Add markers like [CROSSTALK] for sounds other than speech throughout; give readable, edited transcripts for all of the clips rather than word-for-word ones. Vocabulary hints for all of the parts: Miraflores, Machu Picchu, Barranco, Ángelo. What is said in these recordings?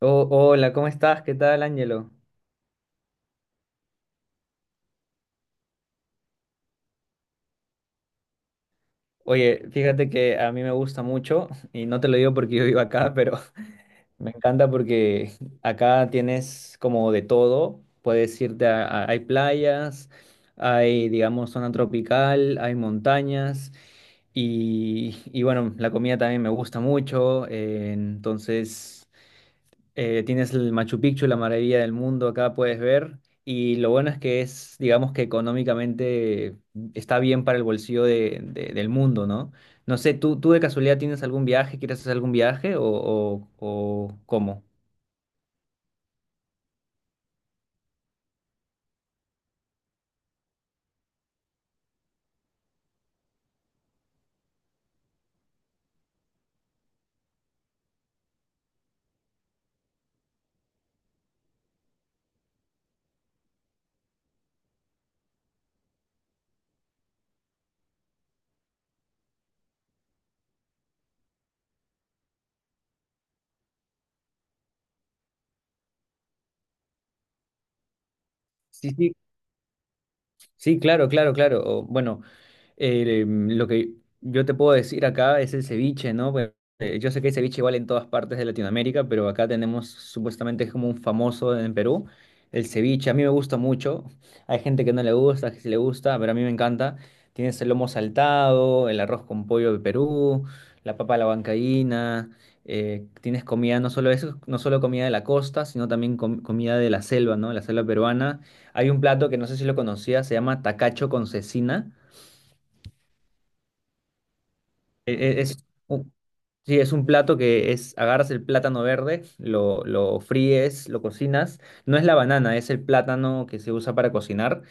Oh, hola, ¿cómo estás? ¿Qué tal, Ángelo? Oye, fíjate que a mí me gusta mucho, y no te lo digo porque yo vivo acá, pero [LAUGHS] me encanta porque acá tienes como de todo. Puedes irte hay playas, hay, digamos, zona tropical, hay montañas, y bueno, la comida también me gusta mucho, entonces. Tienes el Machu Picchu, la maravilla del mundo, acá puedes ver. Y lo bueno es que es, digamos que económicamente está bien para el bolsillo del mundo, ¿no? No sé, ¿tú de casualidad tienes algún viaje? ¿Quieres hacer algún viaje o cómo? Sí, sí, sí, claro, claro, claro. O, bueno, lo que yo te puedo decir acá es el ceviche, ¿no? Pues, yo sé que el ceviche igual en todas partes de Latinoamérica, pero acá tenemos supuestamente es como un famoso en Perú, el ceviche. A mí me gusta mucho. Hay gente que no le gusta, que sí le gusta, pero a mí me encanta. Tienes el lomo saltado, el arroz con pollo de Perú, la papa a la huancaína. Tienes comida, no solo eso, no solo comida de la costa, sino también comida de la selva, ¿no? La selva peruana. Hay un plato que no sé si lo conocías, se llama tacacho con cecina. E- e- Es, un, sí, es un plato que es, agarras el plátano verde, lo fríes, lo cocinas. No es la banana, es el plátano que se usa para cocinar.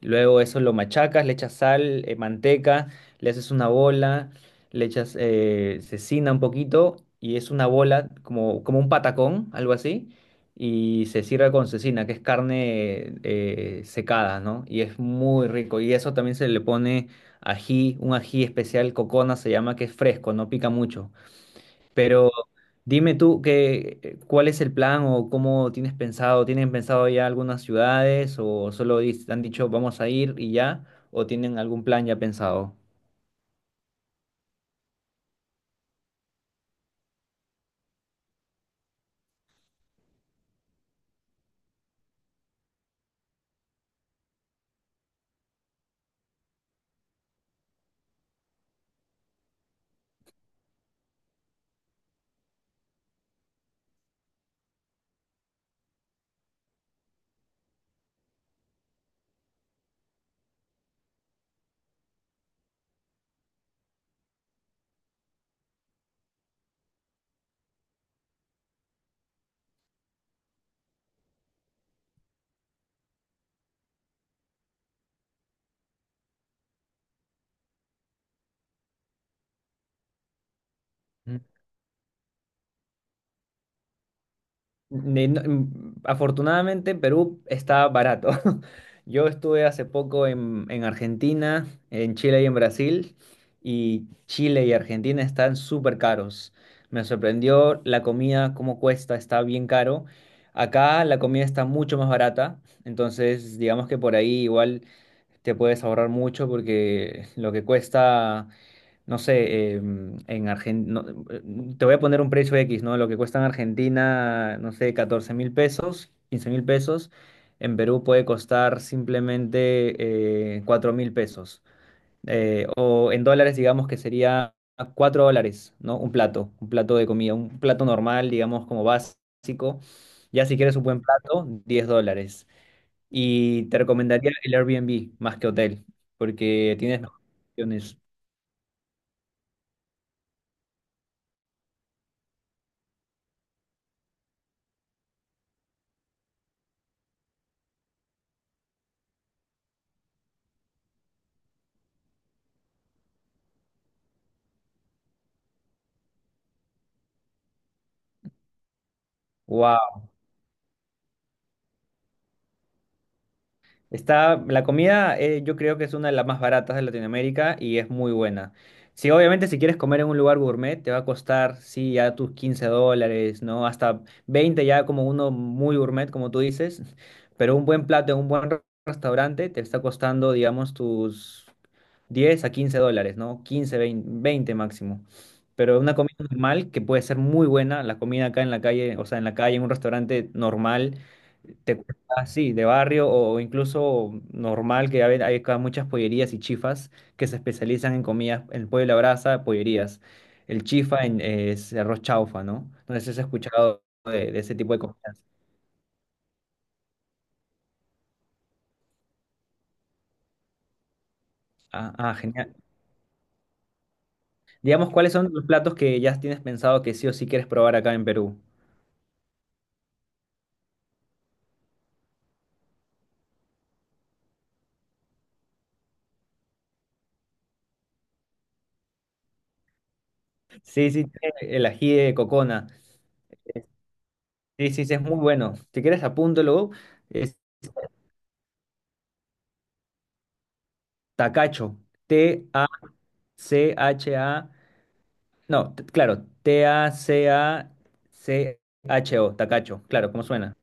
Luego eso lo machacas, le echas sal, manteca, le haces una bola, le echas cecina un poquito y es una bola como, como un patacón, algo así. Y se sirve con cecina, que es carne secada, ¿no? Y es muy rico. Y eso también se le pone ají, un ají especial, cocona se llama, que es fresco, no pica mucho. Pero dime tú que, ¿cuál es el plan o cómo tienes pensado? ¿Tienen pensado ya algunas ciudades o solo han dicho vamos a ir y ya? ¿O tienen algún plan ya pensado? Afortunadamente, Perú está barato. [LAUGHS] Yo estuve hace poco en Argentina, en Chile y en Brasil, y Chile y Argentina están súper caros. Me sorprendió la comida, cómo cuesta, está bien caro. Acá la comida está mucho más barata, entonces digamos que por ahí igual te puedes ahorrar mucho porque lo que cuesta no sé, en Argentina, te voy a poner un precio X, ¿no? Lo que cuesta en Argentina, no sé, 14.000 pesos, 15.000 pesos, en Perú puede costar simplemente 4 mil pesos. O en dólares, digamos que sería $4, ¿no? Un plato de comida, un plato normal, digamos, como básico. Ya si quieres un buen plato, $10. Y te recomendaría el Airbnb más que hotel, porque tienes mejores opciones. Está, la comida, yo creo que es una de las más baratas de Latinoamérica y es muy buena. Sí, obviamente si quieres comer en un lugar gourmet te va a costar, sí, ya tus $15, ¿no? Hasta 20 ya como uno muy gourmet, como tú dices, [LAUGHS] pero un buen plato en un buen restaurante te está costando, digamos, tus $10 a $15, ¿no? Quince, veinte, 20 máximo. Pero una comida normal que puede ser muy buena, la comida acá en la calle, o sea, en la calle, en un restaurante normal así, de barrio o incluso normal, que hay acá muchas pollerías y chifas que se especializan en comidas, en pollo a la brasa, pollerías. El chifa es arroz chaufa, ¿no? Entonces, ¿has escuchado de ese tipo de comidas? Ah, ah, genial. Digamos, ¿cuáles son los platos que ya tienes pensado que sí o sí quieres probar acá en Perú? Sí, sí, el ají de cocona. Sí, sí, sí, es muy bueno. Si quieres, apúntalo. Es tacacho. TACHA. No, claro, Tacacho, tacacho, claro, ¿cómo suena?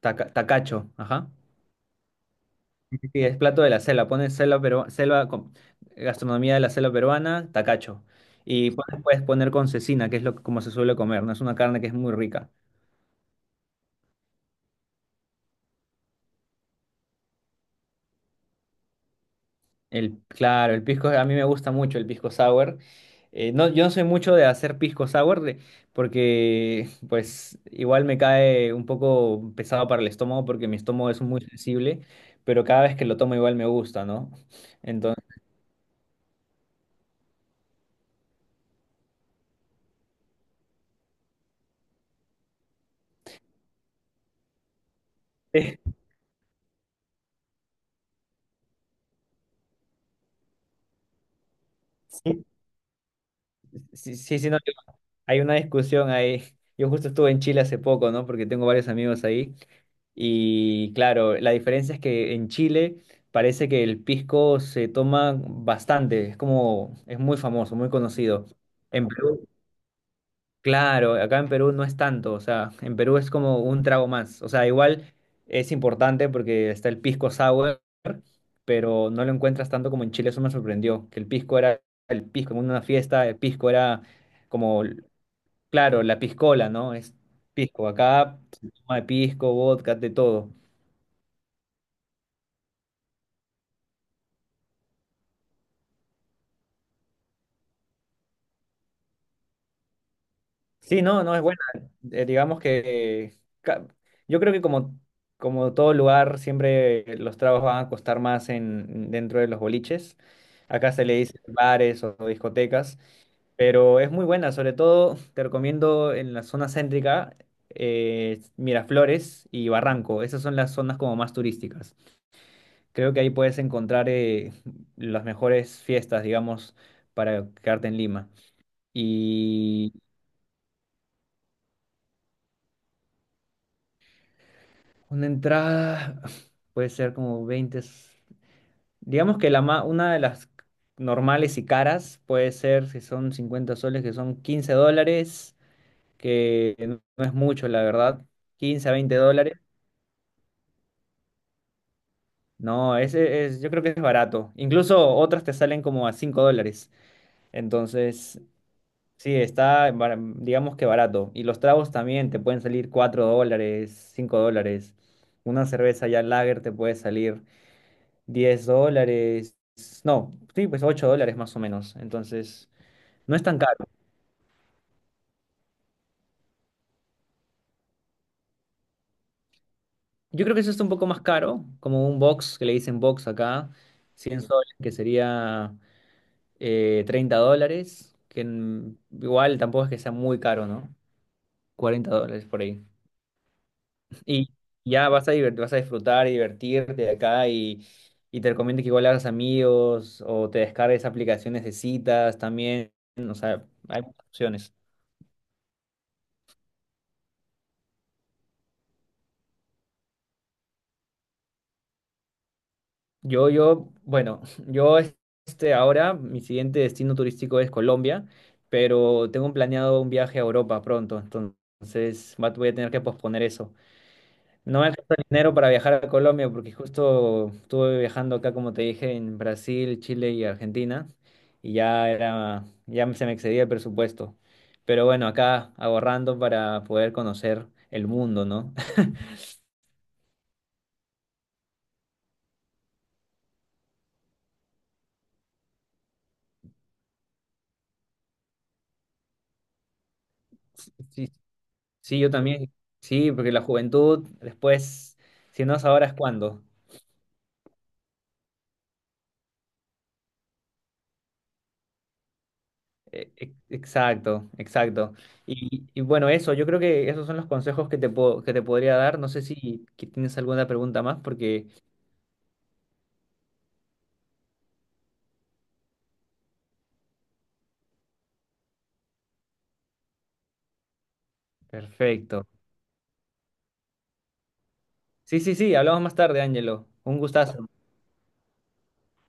Tacacho, ajá. Sí, es plato de la selva, pones selva, pero selva gastronomía de la selva peruana, tacacho. Y puedes poner con cecina, que es lo, como se suele comer, ¿no? Es una carne que es muy rica. El, claro, el pisco, a mí me gusta mucho el pisco sour. No, yo no soy mucho de hacer pisco sour porque pues igual me cae un poco pesado para el estómago porque mi estómago es muy sensible, pero cada vez que lo tomo igual me gusta, ¿no? Entonces, [LAUGHS] sí, sí, sí, sí, no. Hay una discusión ahí. Yo justo estuve en Chile hace poco, ¿no? Porque tengo varios amigos ahí. Y claro, la diferencia es que en Chile parece que el pisco se toma bastante. Es como, es muy famoso, muy conocido. En Perú, claro, acá en Perú no es tanto. O sea, en Perú es como un trago más. O sea, igual es importante porque está el pisco sour, pero no lo encuentras tanto como en Chile. Eso me sorprendió, que el pisco era el pisco en una fiesta, el pisco era como. Claro, la piscola, ¿no? Es pisco. Acá se toma de pisco, vodka, de todo. Sí, no, no es buena. Digamos que yo creo que como todo lugar, siempre los tragos van a costar más en, dentro de los boliches. Acá se le dice bares o discotecas, pero es muy buena. Sobre todo te recomiendo en la zona céntrica, Miraflores y Barranco. Esas son las zonas como más turísticas. Creo que ahí puedes encontrar, las mejores fiestas, digamos, para quedarte en Lima. Y una entrada [SIGHS] puede ser como digamos que una de las normales y caras puede ser, si son 50 soles, que son $15, que no es mucho, la verdad. $15 a $20. No, ese es, yo creo que es barato. Incluso otras te salen como a $5. Entonces, sí, está, digamos que barato. Y los tragos también te pueden salir $4, $5. Una cerveza ya lager te puede salir $10. No, sí, pues $8 más o menos. Entonces, no es tan caro. Yo creo que eso está un poco más caro, como un box, que le dicen box acá, 100 soles, que sería, $30, que, mm, igual tampoco es que sea muy caro, ¿no? $40 por ahí. Y ya vas a vas a disfrutar y divertirte acá y te recomiendo que igual hagas amigos o te descargues aplicaciones de citas también. O sea, hay muchas opciones. Yo, bueno, [LAUGHS] yo este ahora, mi siguiente destino turístico es Colombia, pero tengo planeado un viaje a Europa pronto, entonces voy a tener que posponer eso. No me alcanza el dinero para viajar a Colombia porque justo estuve viajando acá, como te dije, en Brasil, Chile y Argentina, y ya era, ya se me excedía el presupuesto. Pero bueno, acá ahorrando para poder conocer el mundo, ¿no? [LAUGHS] Sí, sí, yo también. Sí, porque la juventud, después, si no es ahora, es cuándo. Exacto, exacto. Y bueno, eso, yo creo que esos son los consejos que te puedo, que te podría dar. No sé si que tienes alguna pregunta más, porque. Perfecto. Sí, sí, sí, hablamos más tarde, Ángelo. Un gustazo.